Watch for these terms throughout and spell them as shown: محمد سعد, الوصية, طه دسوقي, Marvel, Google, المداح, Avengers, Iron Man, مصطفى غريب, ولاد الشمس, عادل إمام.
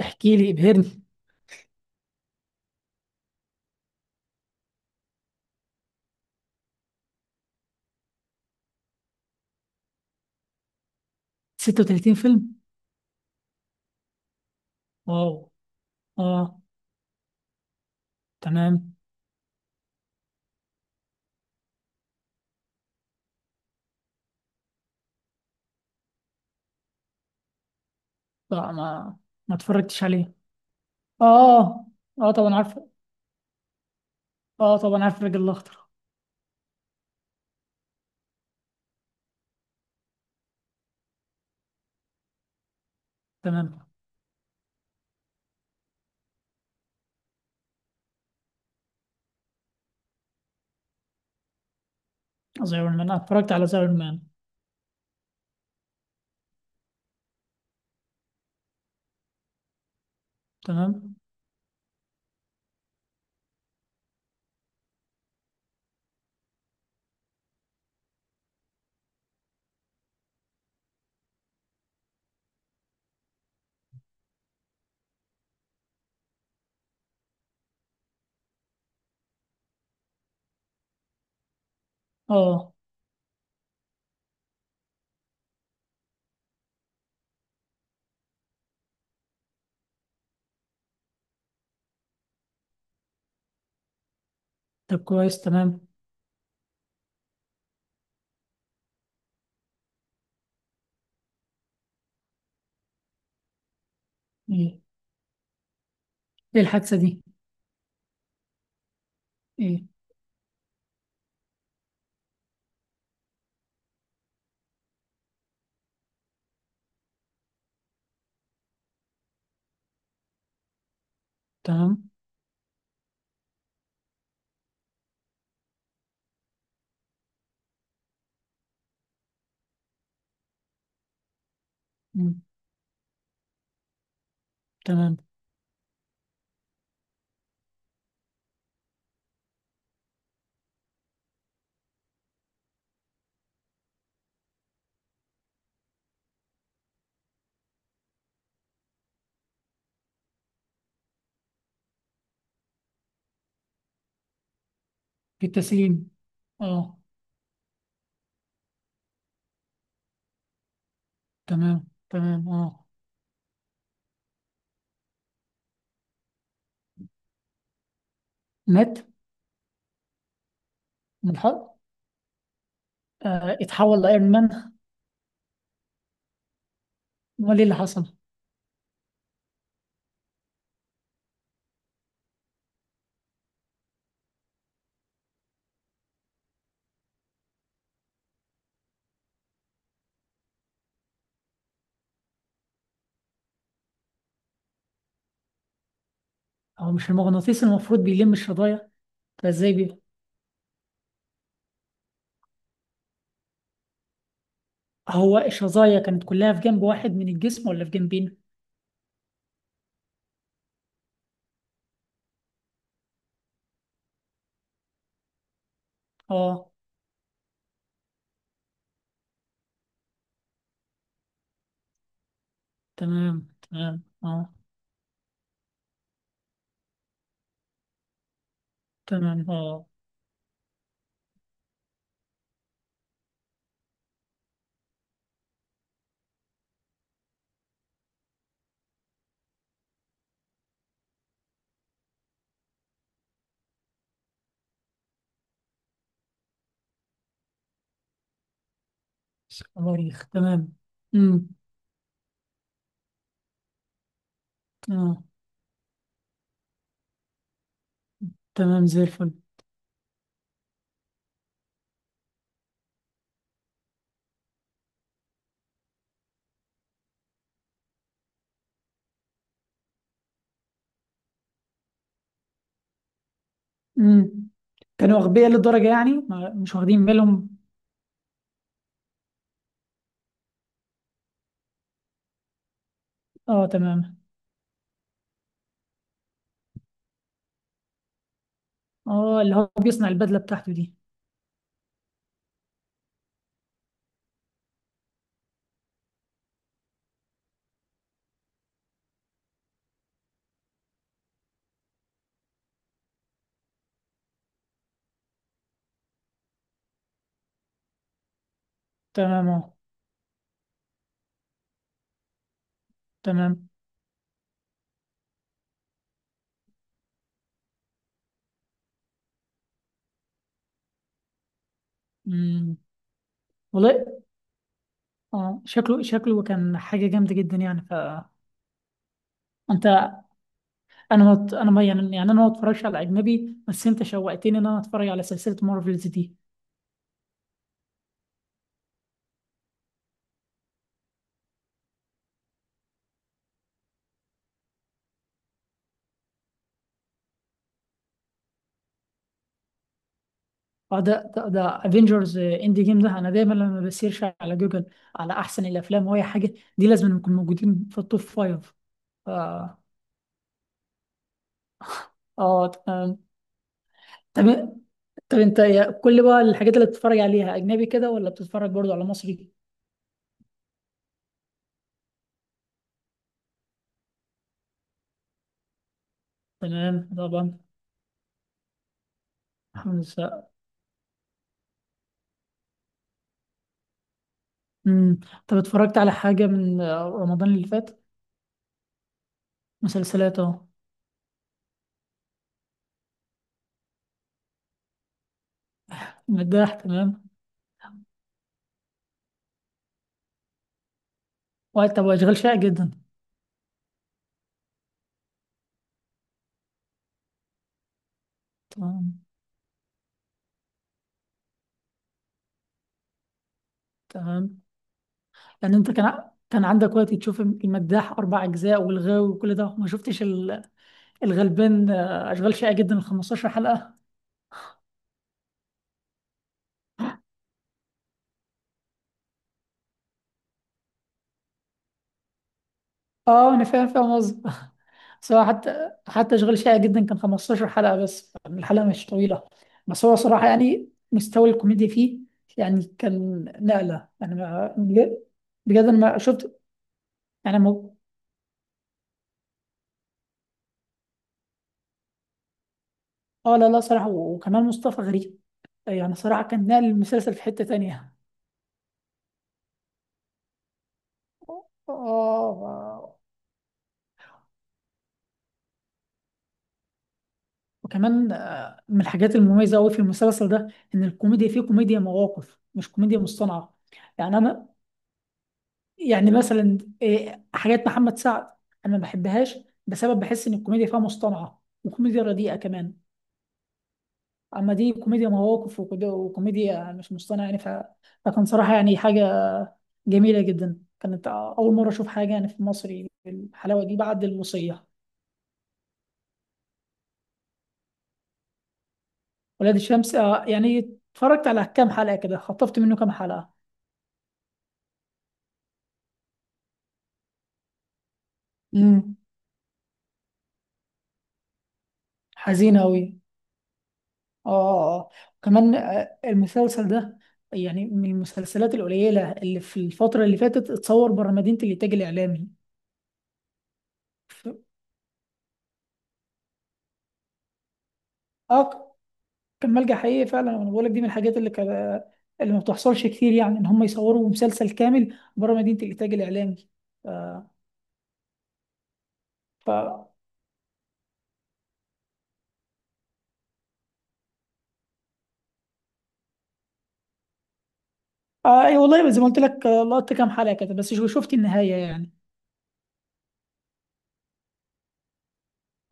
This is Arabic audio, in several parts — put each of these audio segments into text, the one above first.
احكي لي، ابهرني. 36 فيلم؟ واو. اه، تمام. لا، ما اتفرجتش عليه. اه. اه، طبعا عارف. اه، طبعا عارف الراجل الاخضر. تمام. زي ايرون مان، أنا اتفرجت على زي ايرون مان. تمام، اه. طب كويس، تمام. ايه ايه الحادثه دي؟ ايه؟ تمام. مم. تمام. في التسليم؟ اه. تمام، تمام، اه. مات؟ من الحرب؟ آه، اتحول لايرون مان؟ امال ايه اللي حصل؟ هو مش المغناطيس المفروض بيلم الشظايا؟ فازاي؟ هو الشظايا كانت كلها في جنب واحد من الجسم ولا في جنبين؟ اه، تمام، تمام، اه. تمام، اه. صواريخ، تمام. امم. اه. تمام، زي الفل. امم. كانوا اغبياء للدرجه، يعني ما مش واخدين بالهم؟ اه، تمام. اه، اللي هو بيصنع البدله بتاعته دي. تمام، اه. تمام. امم. والله. اه، شكله كان حاجه جامده جدا يعني. فانت، انا ما انا ما يعني انا ما اتفرجش على اجنبي، بس انت شوقتني ان انا اتفرج على سلسله مارفلز دي. ده افنجرز اند جيم ده، انا دايما لما بسيرش على جوجل على احسن الافلام واي حاجه دي لازم نكون موجودين في التوب فايف. اه، اه، تمام. طب طب انت كل بقى الحاجات اللي بتتفرج عليها اجنبي كده، ولا بتتفرج برضو على مصري؟ تمام، طبعا. الحمد لله. امم. طب اتفرجت على حاجه من رمضان اللي فات؟ مسلسلات، اه. مداح، تمام. وقت، طب، واشغال شائع جدا؟ تمام، تمام. يعني انت كان عندك وقت تشوف المداح اربع اجزاء والغاوي وكل ده، وما شفتش الغلبان؟ اشغال شائعة جدا ال 15 حلقة. اه، انا فاهم قصدك. بس هو حتى اشغال شائع جدا كان 15 حلقة، بس الحلقة مش طويلة. بس هو صراحة يعني مستوى الكوميديا فيه، يعني كان نقلة، يعني بجد. بجد انا ما شفت، يعني اه. لا، لا، صراحة، وكمان مصطفى غريب. يعني صراحة كان نقل المسلسل في حتة تانية، اه. وكمان من الحاجات المميزة أوي في المسلسل ده، إن الكوميديا فيه كوميديا مواقف، مش كوميديا مصطنعة، يعني. أنا يعني مثلا إيه، حاجات محمد سعد أنا ما بحبهاش، بسبب بحس إن الكوميديا فيها مصطنعة وكوميديا رديئة كمان. أما دي كوميديا مواقف، وكوميديا مش مصطنعة، يعني فكان صراحة يعني حاجة جميلة جدا، كانت أول مرة أشوف حاجة يعني في مصري بالحلاوة دي بعد الوصية. ولاد الشمس، يعني اتفرجت على كام حلقة كده، خطفت منه كام حلقة. امم. حزينة أوي. اه، اه، آه. كمان المسلسل ده يعني من المسلسلات القليلة اللي في الفترة اللي فاتت اتصور بره مدينة الإنتاج الإعلامي. ف- اه. كان ملجأ حقيقي فعلا، أنا بقول لك دي من الحاجات اللي كان، اللي ما بتحصلش كتير، يعني إن هم يصوروا مسلسل كامل بره مدينة الإنتاج الإعلامي. آه. ف، آه، أي والله زي ما قلت لك، لقطت كام حلقة كده، بس شفت النهاية يعني،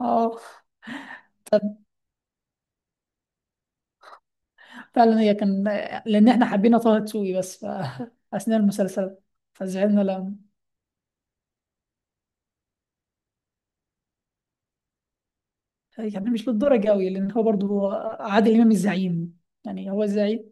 اه. فعلا هي كان لأن احنا حبينا طه دسوقي، بس أثناء المسلسل فزعلنا لما. يعني مش للدرجة قوي، لأن هو برضو عادل إمام الزعيم، يعني هو زعيم.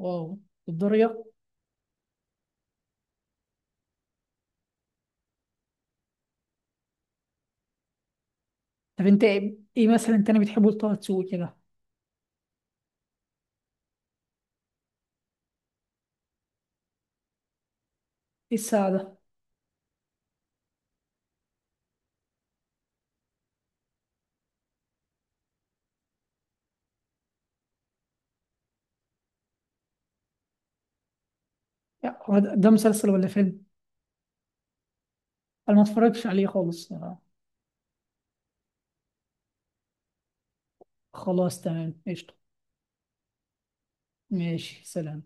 واو، للدرجة. طب أنت إيه مثلا تاني بتحبه لطه دسوقي كده؟ إيه الساعة ده؟ يعني هو ده مسلسل ولا فيلم؟ أنا ما اتفرجتش عليه خالص، خلاص تمام، قشطة. ماشي، سلام.